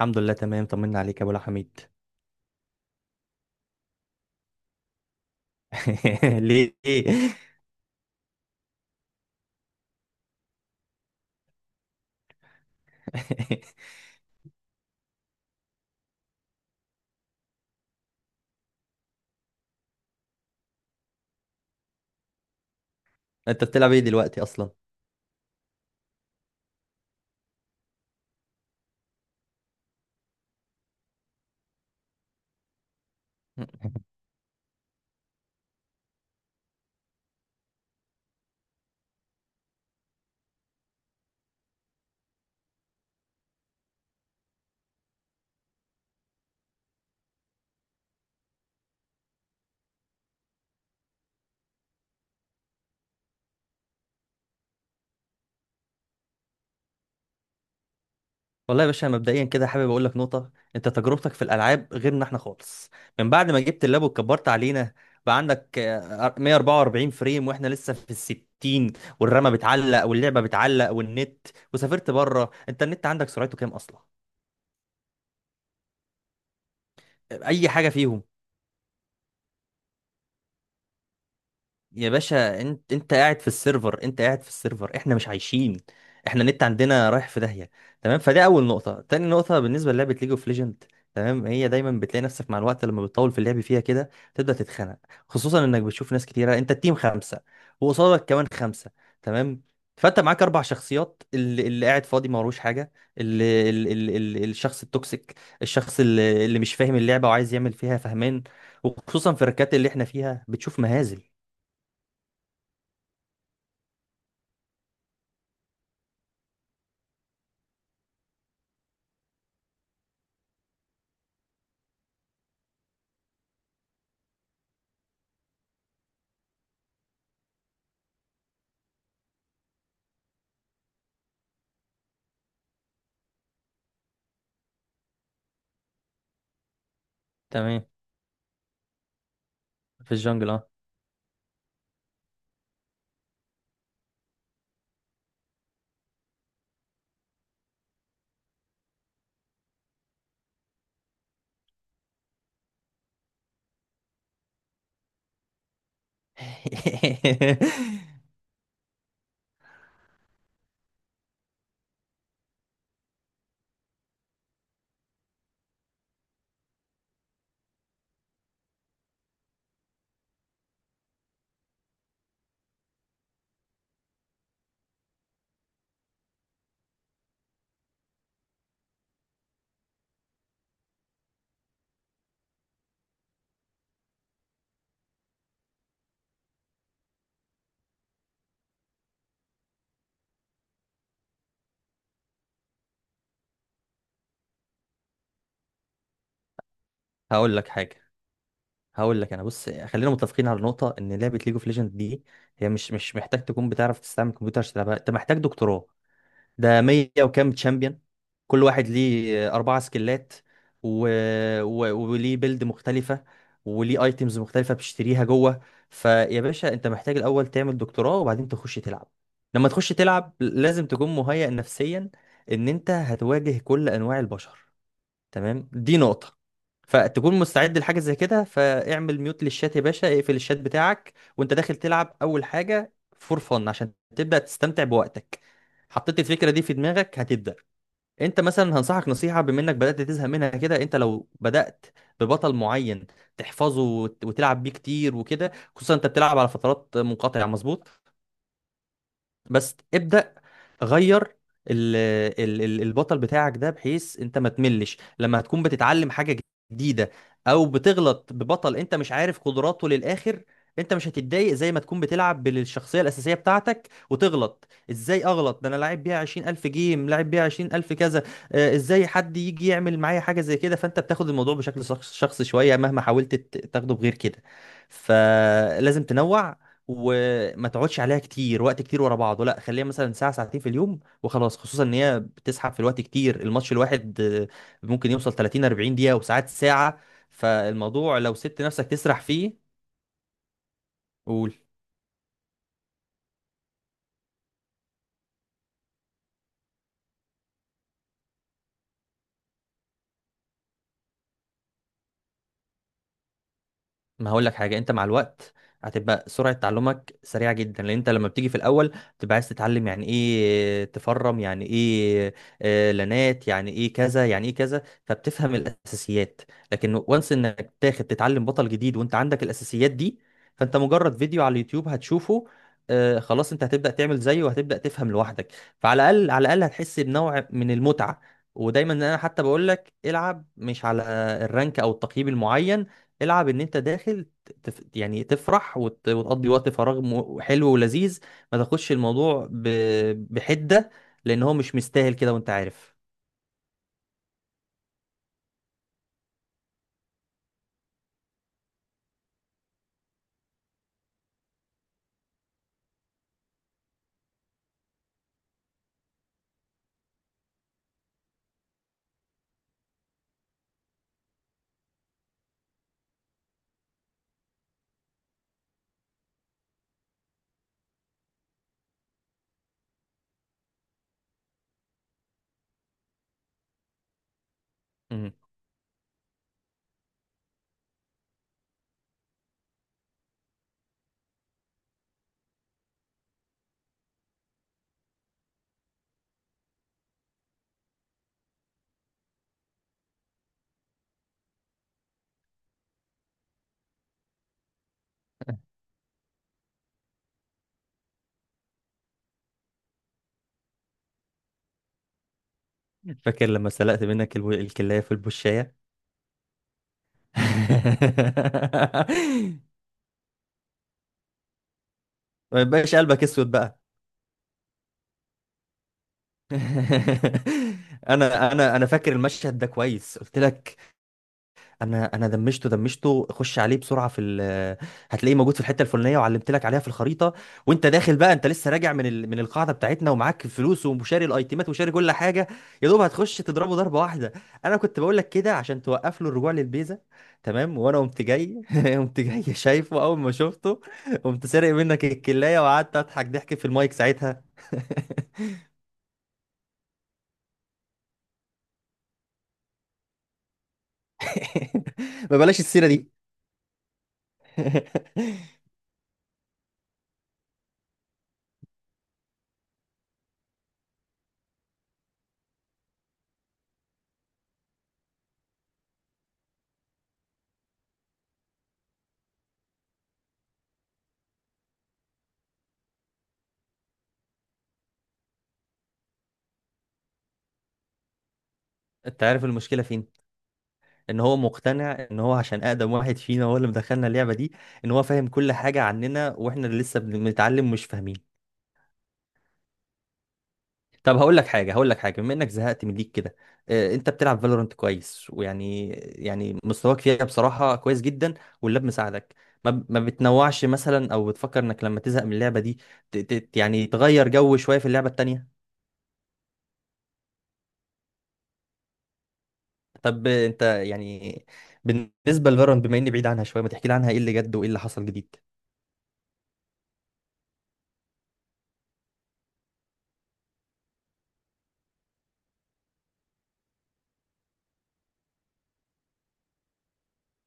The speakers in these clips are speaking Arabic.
الحمد لله، تمام. طمنا عليك يا ابو الحميد. ليه؟ انت بتلعب ايه دلوقتي اصلا؟ والله يا باشا، مبدئيا كده حابب اقول لك نقطه. انت تجربتك في الالعاب غيرنا احنا خالص، من بعد ما جبت اللاب وكبرت علينا بقى عندك 144 فريم، واحنا لسه في ال 60. والرامه بتعلق واللعبه بتعلق والنت. وسافرت بره، انت النت عندك سرعته كام اصلا؟ اي حاجه فيهم. يا باشا انت قاعد في السيرفر، انت قاعد في السيرفر. احنا مش عايشين، احنا النت عندنا رايح في داهية. تمام، فده اول نقطة. تاني نقطة بالنسبة للعبة ليج اوف ليجند. تمام، هي دايما بتلاقي نفسك مع الوقت لما بتطول في اللعب فيها كده تبدأ تتخنق، خصوصا انك بتشوف ناس كتيرة. انت التيم خمسة، وقصادك كمان خمسة. تمام. فانت معاك اربع شخصيات، اللي قاعد فاضي ما وروش حاجة، اللي الشخص التوكسيك، الشخص اللي مش فاهم اللعبة وعايز يعمل فيها فهمان. وخصوصا في الركات اللي احنا فيها بتشوف مهازل. تمام. في الجنجل، اه. هقول لك حاجه، هقول لك انا. بص، خلينا متفقين على نقطه ان لعبه ليج اوف ليجند دي، هي مش محتاج تكون بتعرف تستعمل كمبيوتر عشان تلعبها، انت محتاج دكتوراه. ده 100 وكام تشامبيون، كل واحد ليه اربعه سكلات، و... وليه بيلد مختلفه، وليه ايتمز مختلفه بتشتريها جوه. فيا باشا، انت محتاج الاول تعمل دكتوراه وبعدين تخش تلعب. لما تخش تلعب لازم تكون مهيئ نفسيا ان انت هتواجه كل انواع البشر. تمام، دي نقطة. فتكون مستعد لحاجة زي كده، فاعمل ميوت للشات يا باشا، اقفل الشات بتاعك وانت داخل تلعب أول حاجة فور فن عشان تبدأ تستمتع بوقتك. حطيت الفكرة دي في دماغك هتبدأ. انت مثلا هنصحك نصيحة، بما انك بدأت تزهق منها كده، انت لو بدأت ببطل معين تحفظه وتلعب بيه كتير وكده، خصوصا انت بتلعب على فترات منقطعة، مظبوط. بس ابدأ غير ال البطل بتاعك ده، بحيث انت ما تملش لما هتكون بتتعلم حاجة جديدة، او بتغلط ببطل انت مش عارف قدراته للآخر. انت مش هتتضايق زي ما تكون بتلعب بالشخصية الأساسية بتاعتك وتغلط. ازاي اغلط؟ ده انا لاعب بيها 20000 جيم، لاعب بيها 20000 كذا. ازاي حد يجي يعمل معايا حاجة زي كده؟ فانت بتاخد الموضوع بشكل شخصي شوية، مهما حاولت تاخده بغير كده. فلازم تنوع، وما تقعدش عليها كتير، وقت كتير ورا بعضه لا. خليها مثلا ساعة ساعتين في اليوم وخلاص، خصوصا ان هي بتسحب في الوقت كتير. الماتش الواحد ممكن يوصل 30 40 دقيقة، وساعات ساعة. فالموضوع لو سبت نفسك تسرح فيه. قول. ما هقول لك حاجه، انت مع الوقت هتبقى سرعه تعلمك سريعه جدا، لان انت لما بتيجي في الاول تبقى عايز تتعلم يعني ايه تفرم، يعني ايه لانات، يعني ايه كذا، يعني ايه كذا، فبتفهم الاساسيات. لكن وانس انك تاخد تتعلم بطل جديد وانت عندك الاساسيات دي، فانت مجرد فيديو على اليوتيوب هتشوفه خلاص، انت هتبدا تعمل زيه وهتبدا تفهم لوحدك. فعلى الاقل على الاقل هتحس بنوع من المتعه. ودايما انا حتى بقول لك العب مش على الرانك او التقييم المعين، العب ان انت داخل يعني تفرح وتقضي وقت فراغ حلو ولذيذ. ما تاخدش الموضوع بحدة، لان هو مش مستاهل كده وانت عارف. مم. فاكر لما سلقت منك الكلاية في البشاية؟ ما يبقاش قلبك اسود بقى. انا فاكر المشهد ده كويس، قلت لك. انا دمشته، دمشته، خش عليه بسرعه في هتلاقيه موجود في الحته الفلانيه وعلمت لك عليها في الخريطه، وانت داخل بقى انت لسه راجع من من القاعده بتاعتنا، ومعاك فلوس وشاري الايتيمات وشاري كل حاجه، يا دوب هتخش تضربه ضربه واحده. انا كنت بقول لك كده عشان توقف له الرجوع للبيزه. تمام. وانا قمت جاي، قمت جاي شايفه اول ما شفته، قمت سارق منك الكلايه وقعدت اضحك ضحك في المايك ساعتها. ما بلاش السيره دي. انت عارف المشكله فين؟ ان هو مقتنع ان هو عشان اقدم واحد فينا هو اللي مدخلنا اللعبه دي، ان هو فاهم كل حاجه عننا، واحنا اللي لسه بنتعلم مش فاهمين. طب هقول لك حاجه، هقول لك حاجه، بما انك زهقت من ليك كده. انت بتلعب فالورانت كويس، ويعني مستواك فيها بصراحه كويس جدا، واللاب مساعدك. ما بتنوعش مثلا، او بتفكر انك لما تزهق من اللعبه دي يعني تغير جو شويه في اللعبه التانيه؟ طب انت يعني بالنسبه لفالورانت، بما اني بعيد عنها شويه ما تحكي لي عنها؟ ايه اللي جد وايه اللي حصل جديد؟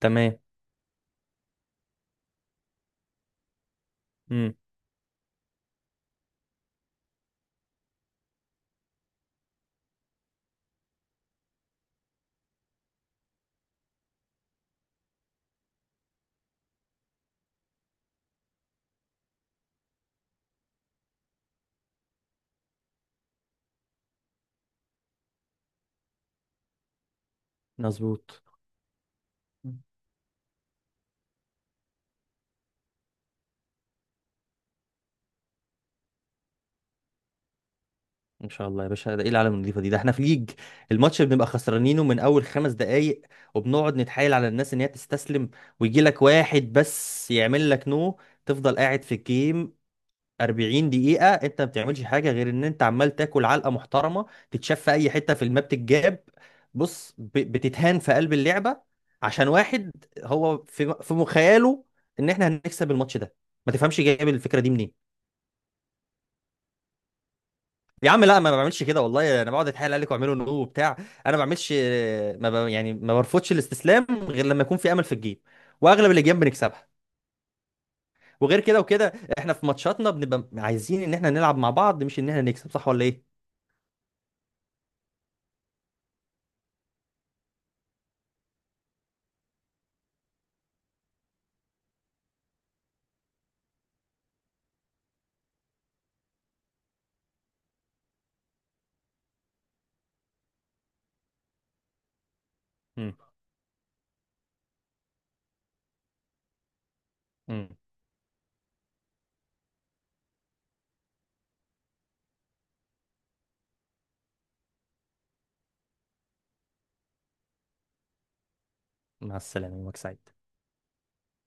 تمام. امم. مظبوط. ان شاء الله يا باشا، ده ايه العالم النظيفه دي؟ ده احنا في ليج الماتش بنبقى خسرانينه من اول 5 دقائق، وبنقعد نتحايل على الناس ان هي تستسلم، ويجي لك واحد بس يعمل لك نو. تفضل قاعد في الجيم 40 دقيقه، انت ما بتعملش حاجه غير ان انت عمال تاكل علقه محترمه، تتشاف في اي حته في الماب، تتجاب. بص، بتتهان في قلب اللعبه عشان واحد هو في مخيله ان احنا هنكسب الماتش ده. ما تفهمش جايب الفكره دي. يا عم لا، ما بعملش كده والله، انا بقعد اتحايل عليك واعمله نو وبتاع. انا ما بعملش. ما ب... يعني ما برفضش الاستسلام غير لما يكون في امل في الجيم، واغلب الاجيال بنكسبها، وغير كده وكده. احنا في ماتشاتنا بنبقى عايزين ان احنا نلعب مع بعض، مش ان احنا نكسب، صح ولا ايه؟ امم. امم. مع السلامة، يومك سعيد.